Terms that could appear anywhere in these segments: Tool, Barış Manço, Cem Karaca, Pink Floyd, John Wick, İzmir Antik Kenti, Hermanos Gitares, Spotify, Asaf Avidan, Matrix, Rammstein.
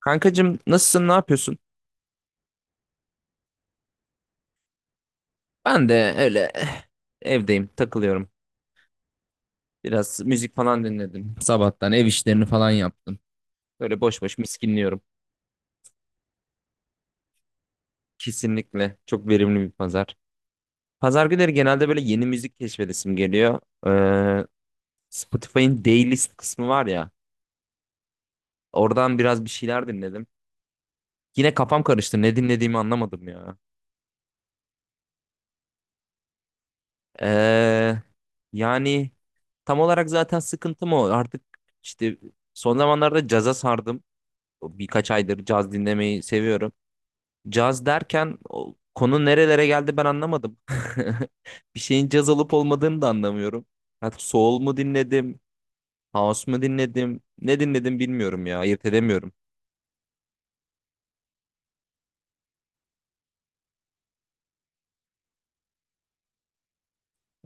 Kankacım, nasılsın? Ne yapıyorsun? Ben de öyle, evdeyim, takılıyorum. Biraz müzik falan dinledim. Sabahtan ev işlerini falan yaptım. Böyle boş boş miskinliyorum. Kesinlikle çok verimli bir pazar. Pazar günleri genelde böyle yeni müzik keşfedesim geliyor. Ee, Spotify'ın Daylist kısmı var ya. Oradan biraz bir şeyler dinledim. Yine kafam karıştı. Ne dinlediğimi anlamadım ya. Ee, yani tam olarak zaten sıkıntım o. Artık işte son zamanlarda caza sardım. Birkaç aydır caz dinlemeyi seviyorum. Caz derken konu nerelere geldi, ben anlamadım. Bir şeyin caz olup olmadığını da anlamıyorum. Hatta soul mu dinledim, house mu dinledim, ne dinledim bilmiyorum ya, ayırt edemiyorum.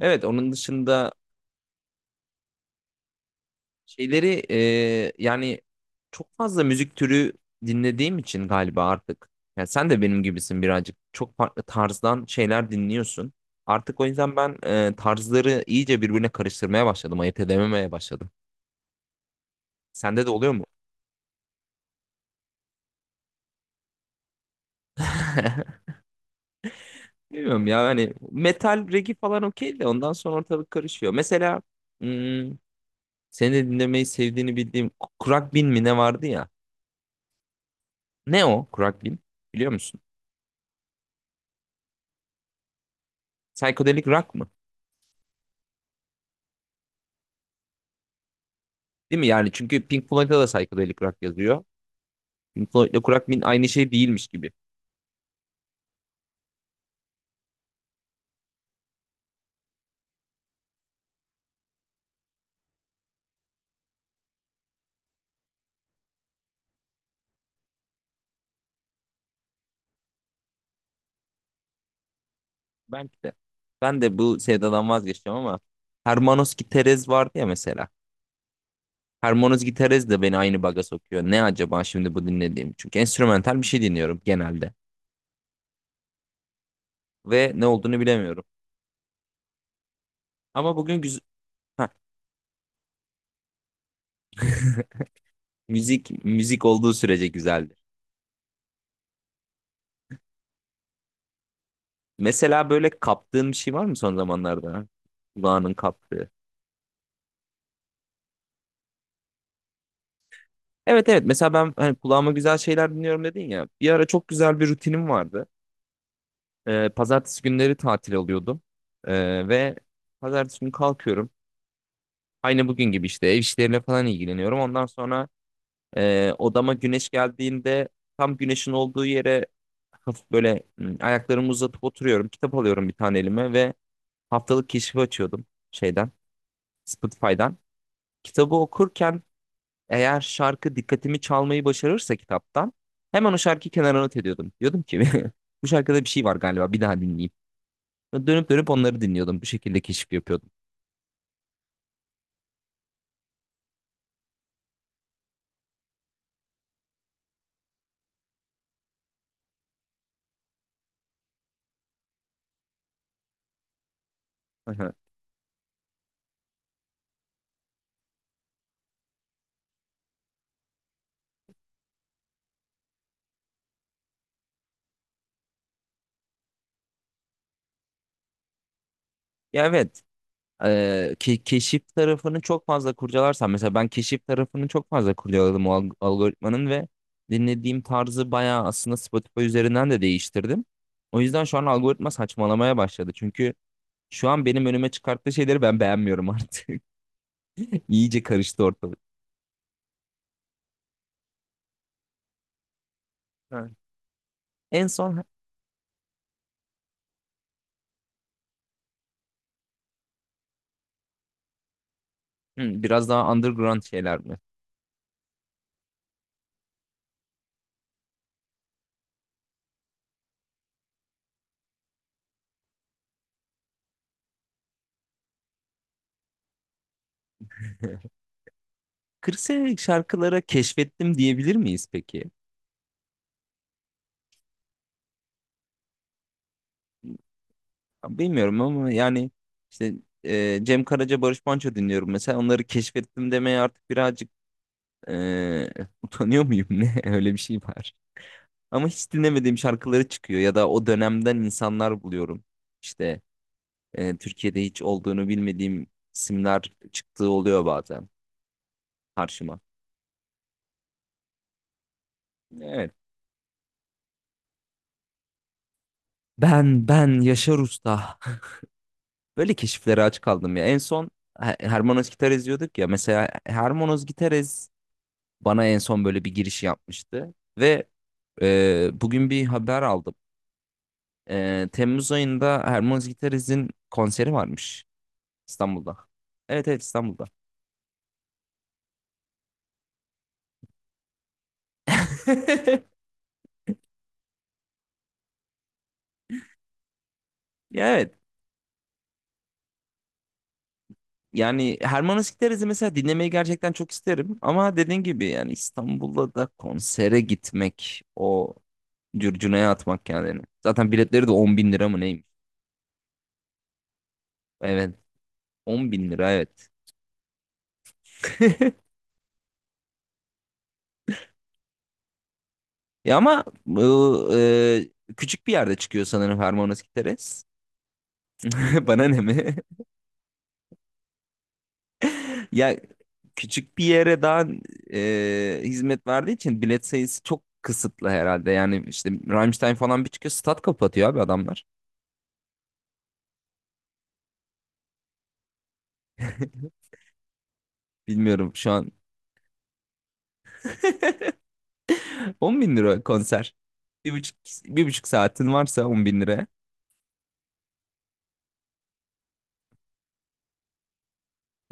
Evet, onun dışında şeyleri yani çok fazla müzik türü dinlediğim için galiba artık. Yani sen de benim gibisin birazcık. Çok farklı tarzdan şeyler dinliyorsun. Artık o yüzden ben tarzları iyice birbirine karıştırmaya başladım, ayırt edememeye başladım. Sende de oluyor mu? Bilmiyorum ya, hani metal, regi falan okey de ondan sonra ortalık karışıyor. Mesela hmm, seni de dinlemeyi sevdiğini bildiğim bin mi ne vardı ya? Ne o bin, biliyor musun? Psychedelic rock mı? Değil mi yani? Çünkü Pink Floyd'da da psychedelic rock yazıyor. Pink Floyd'la bin aynı şey değilmiş gibi. Belki de. Ben de bu sevdadan vazgeçeceğim ama Hermanos Giterez vardı ya mesela. Hermanos Giterez de beni aynı baga sokuyor. Ne acaba şimdi bu dinlediğim? Çünkü enstrümantal bir şey dinliyorum genelde ve ne olduğunu bilemiyorum. Ama Heh, müzik müzik olduğu sürece güzeldir. Mesela böyle kaptığın bir şey var mı son zamanlarda? Kulağının kaptığı. Evet, evet, mesela ben hani kulağıma güzel şeyler dinliyorum dedin ya. Bir ara çok güzel bir rutinim vardı. Pazartesi günleri tatil oluyordum. Ve pazartesi günü kalkıyorum. Aynı bugün gibi işte ev işleriyle falan ilgileniyorum. Ondan sonra odama güneş geldiğinde tam güneşin olduğu yere hafif böyle ayaklarımı uzatıp oturuyorum. Kitap alıyorum bir tane elime ve haftalık keşif açıyordum şeyden, Spotify'dan. Kitabı okurken eğer şarkı dikkatimi çalmayı başarırsa kitaptan hemen o şarkıyı kenara not ediyordum. Diyordum ki bu şarkıda bir şey var galiba, bir daha dinleyeyim. Ve dönüp dönüp onları dinliyordum. Bu şekilde keşif yapıyordum. Aha. Ya evet. Keşif tarafını çok fazla kurcalarsam, mesela ben keşif tarafını çok fazla kurcaladım o algoritmanın ve dinlediğim tarzı bayağı aslında Spotify üzerinden de değiştirdim. O yüzden şu an algoritma saçmalamaya başladı. Çünkü şu an benim önüme çıkarttığı şeyleri ben beğenmiyorum artık. İyice karıştı ortalık. Evet. En son biraz daha underground şeyler mi? 40 senelik şarkılara keşfettim diyebilir miyiz peki? Bilmiyorum ama yani işte Cem Karaca, Barış Manço dinliyorum mesela. Onları keşfettim demeye artık birazcık e, utanıyor muyum ne? Öyle bir şey var. Ama hiç dinlemediğim şarkıları çıkıyor ya da o dönemden insanlar buluyorum. İşte Türkiye'de hiç olduğunu bilmediğim isimler çıktığı oluyor bazen karşıma. Evet. Ben Yaşar Usta. Böyle keşiflere aç kaldım ya. En son Hermanos Gitares diyorduk ya. Mesela Hermanos Gitares bana en son böyle bir giriş yapmıştı. Ve bugün bir haber aldım. Temmuz ayında Hermanos Gitares'in konseri varmış İstanbul'da. Evet, evet, İstanbul'da. Ya evet. Yani Hermanos Gideriz'i mesela dinlemeyi gerçekten çok isterim. Ama dediğin gibi yani İstanbul'da da konsere gitmek o cürcüneye atmak kendini. Zaten biletleri de 10 bin lira mı neymiş? Evet, 10 bin lira, evet. Ya ama bu küçük bir yerde çıkıyor sanırım Hermanos Giteres. Bana ne mi? Ya küçük bir yere daha hizmet verdiği için bilet sayısı çok kısıtlı herhalde. Yani işte Rammstein falan bir çıkıyor, stat kapatıyor abi adamlar. Bilmiyorum şu an. 10 bin lira konser. Bir buçuk, bir buçuk saatin varsa 10 bin lira.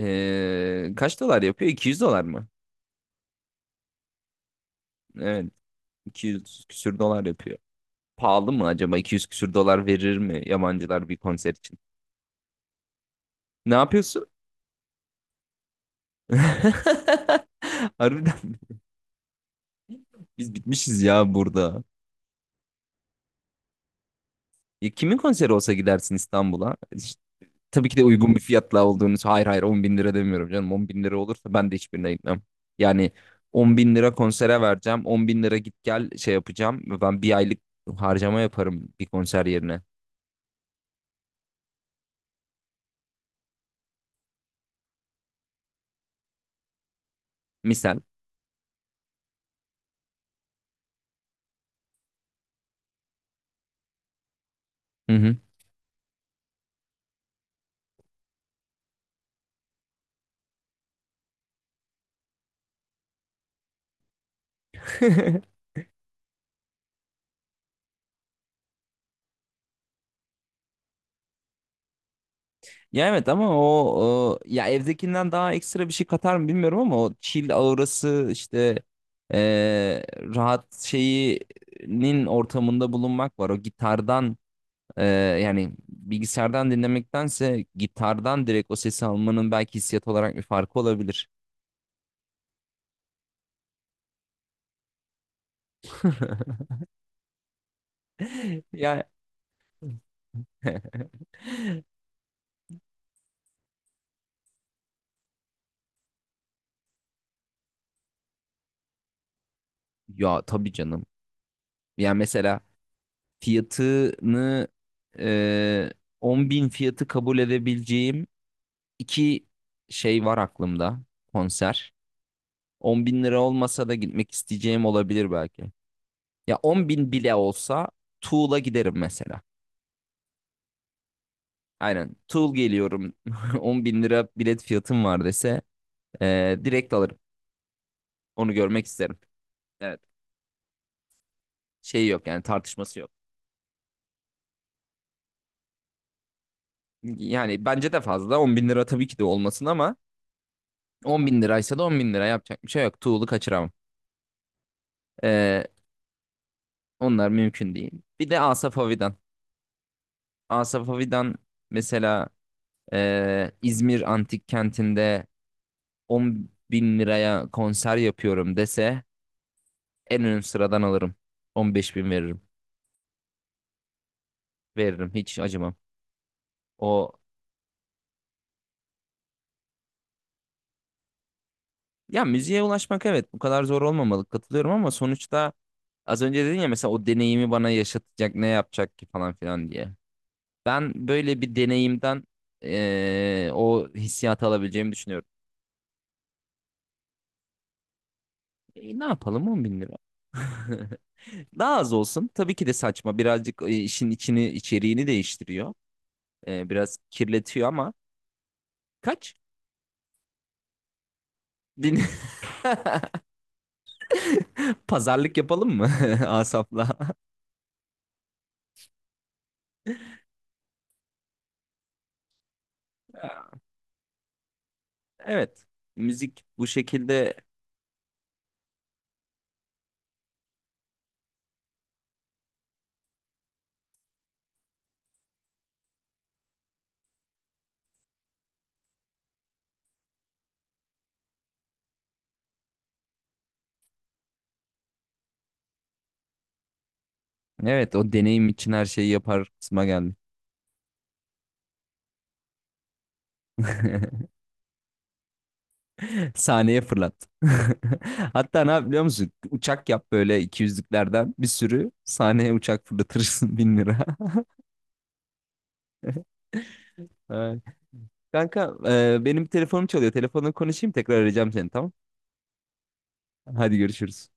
Kaç dolar yapıyor? 200 dolar mı? Evet. 200 küsür dolar yapıyor. Pahalı mı acaba? 200 küsür dolar verir mi yabancılar bir konser için? Ne yapıyorsun? Harbiden biz bitmişiz ya burada. Ya kimin konseri olsa gidersin İstanbul'a? İşte tabii ki de uygun bir fiyatla olduğunu. Hayır, hayır, 10 bin lira demiyorum canım. 10 bin lira olursa ben de hiçbirine gitmem. Yani 10 bin lira konsere vereceğim. 10 bin lira git gel şey yapacağım. Ben bir aylık harcama yaparım bir konser yerine. Misal. Hı hı. Ya evet ama ya evdekinden daha ekstra bir şey katar mı bilmiyorum ama o chill aurası işte eee, rahat şeyinin ortamında bulunmak var. O gitardan Ee, yani bilgisayardan dinlemektense gitardan direkt o sesi almanın belki hissiyat olarak bir farkı olabilir. Ya ya tabii canım. Yani mesela fiyatını e, 10 bin fiyatı kabul edebileceğim iki şey var aklımda, konser. 10 bin lira olmasa da gitmek isteyeceğim olabilir belki. Ya 10 bin bile olsa Tool'a giderim mesela. Aynen, Tool geliyorum 10 bin lira bilet fiyatım var dese direkt alırım. Onu görmek isterim. Evet. Şey yok yani, tartışması yok. Yani bence de fazla. 10 bin lira tabii ki de olmasın ama 10 bin liraysa da 10 bin lira yapacak bir şey yok. Tuğlu kaçıramam. Ee, onlar mümkün değil. Bir de Asaf Avidan. Asaf Avidan mesela İzmir Antik Kenti'nde 10 bin liraya konser yapıyorum dese en ön sıradan alırım. 15 bin veririm. Veririm, hiç acımam. O, ya müziğe ulaşmak, evet, bu kadar zor olmamalı, katılıyorum ama sonuçta az önce dedin ya mesela o deneyimi bana yaşatacak ne yapacak ki falan filan diye. Ben böyle bir deneyimden o hissiyatı alabileceğimi düşünüyorum. E, ne yapalım, 10 bin lira. Daha az olsun. Tabii ki de saçma. Birazcık işin içini, içeriğini değiştiriyor. Biraz kirletiyor ama kaç? Bin... Pazarlık yapalım mı Asaf'la? Evet. Müzik bu şekilde. Evet, o deneyim için her şeyi yapar kısma geldi. Sahneye fırlat. Hatta ne yap biliyor musun? Uçak yap böyle 200'lüklerden bir sürü. Sahneye uçak fırlatırsın 1000 lira. Ay. Kanka, benim telefonum çalıyor. Telefonla konuşayım, tekrar arayacağım seni, tamam. Hadi görüşürüz.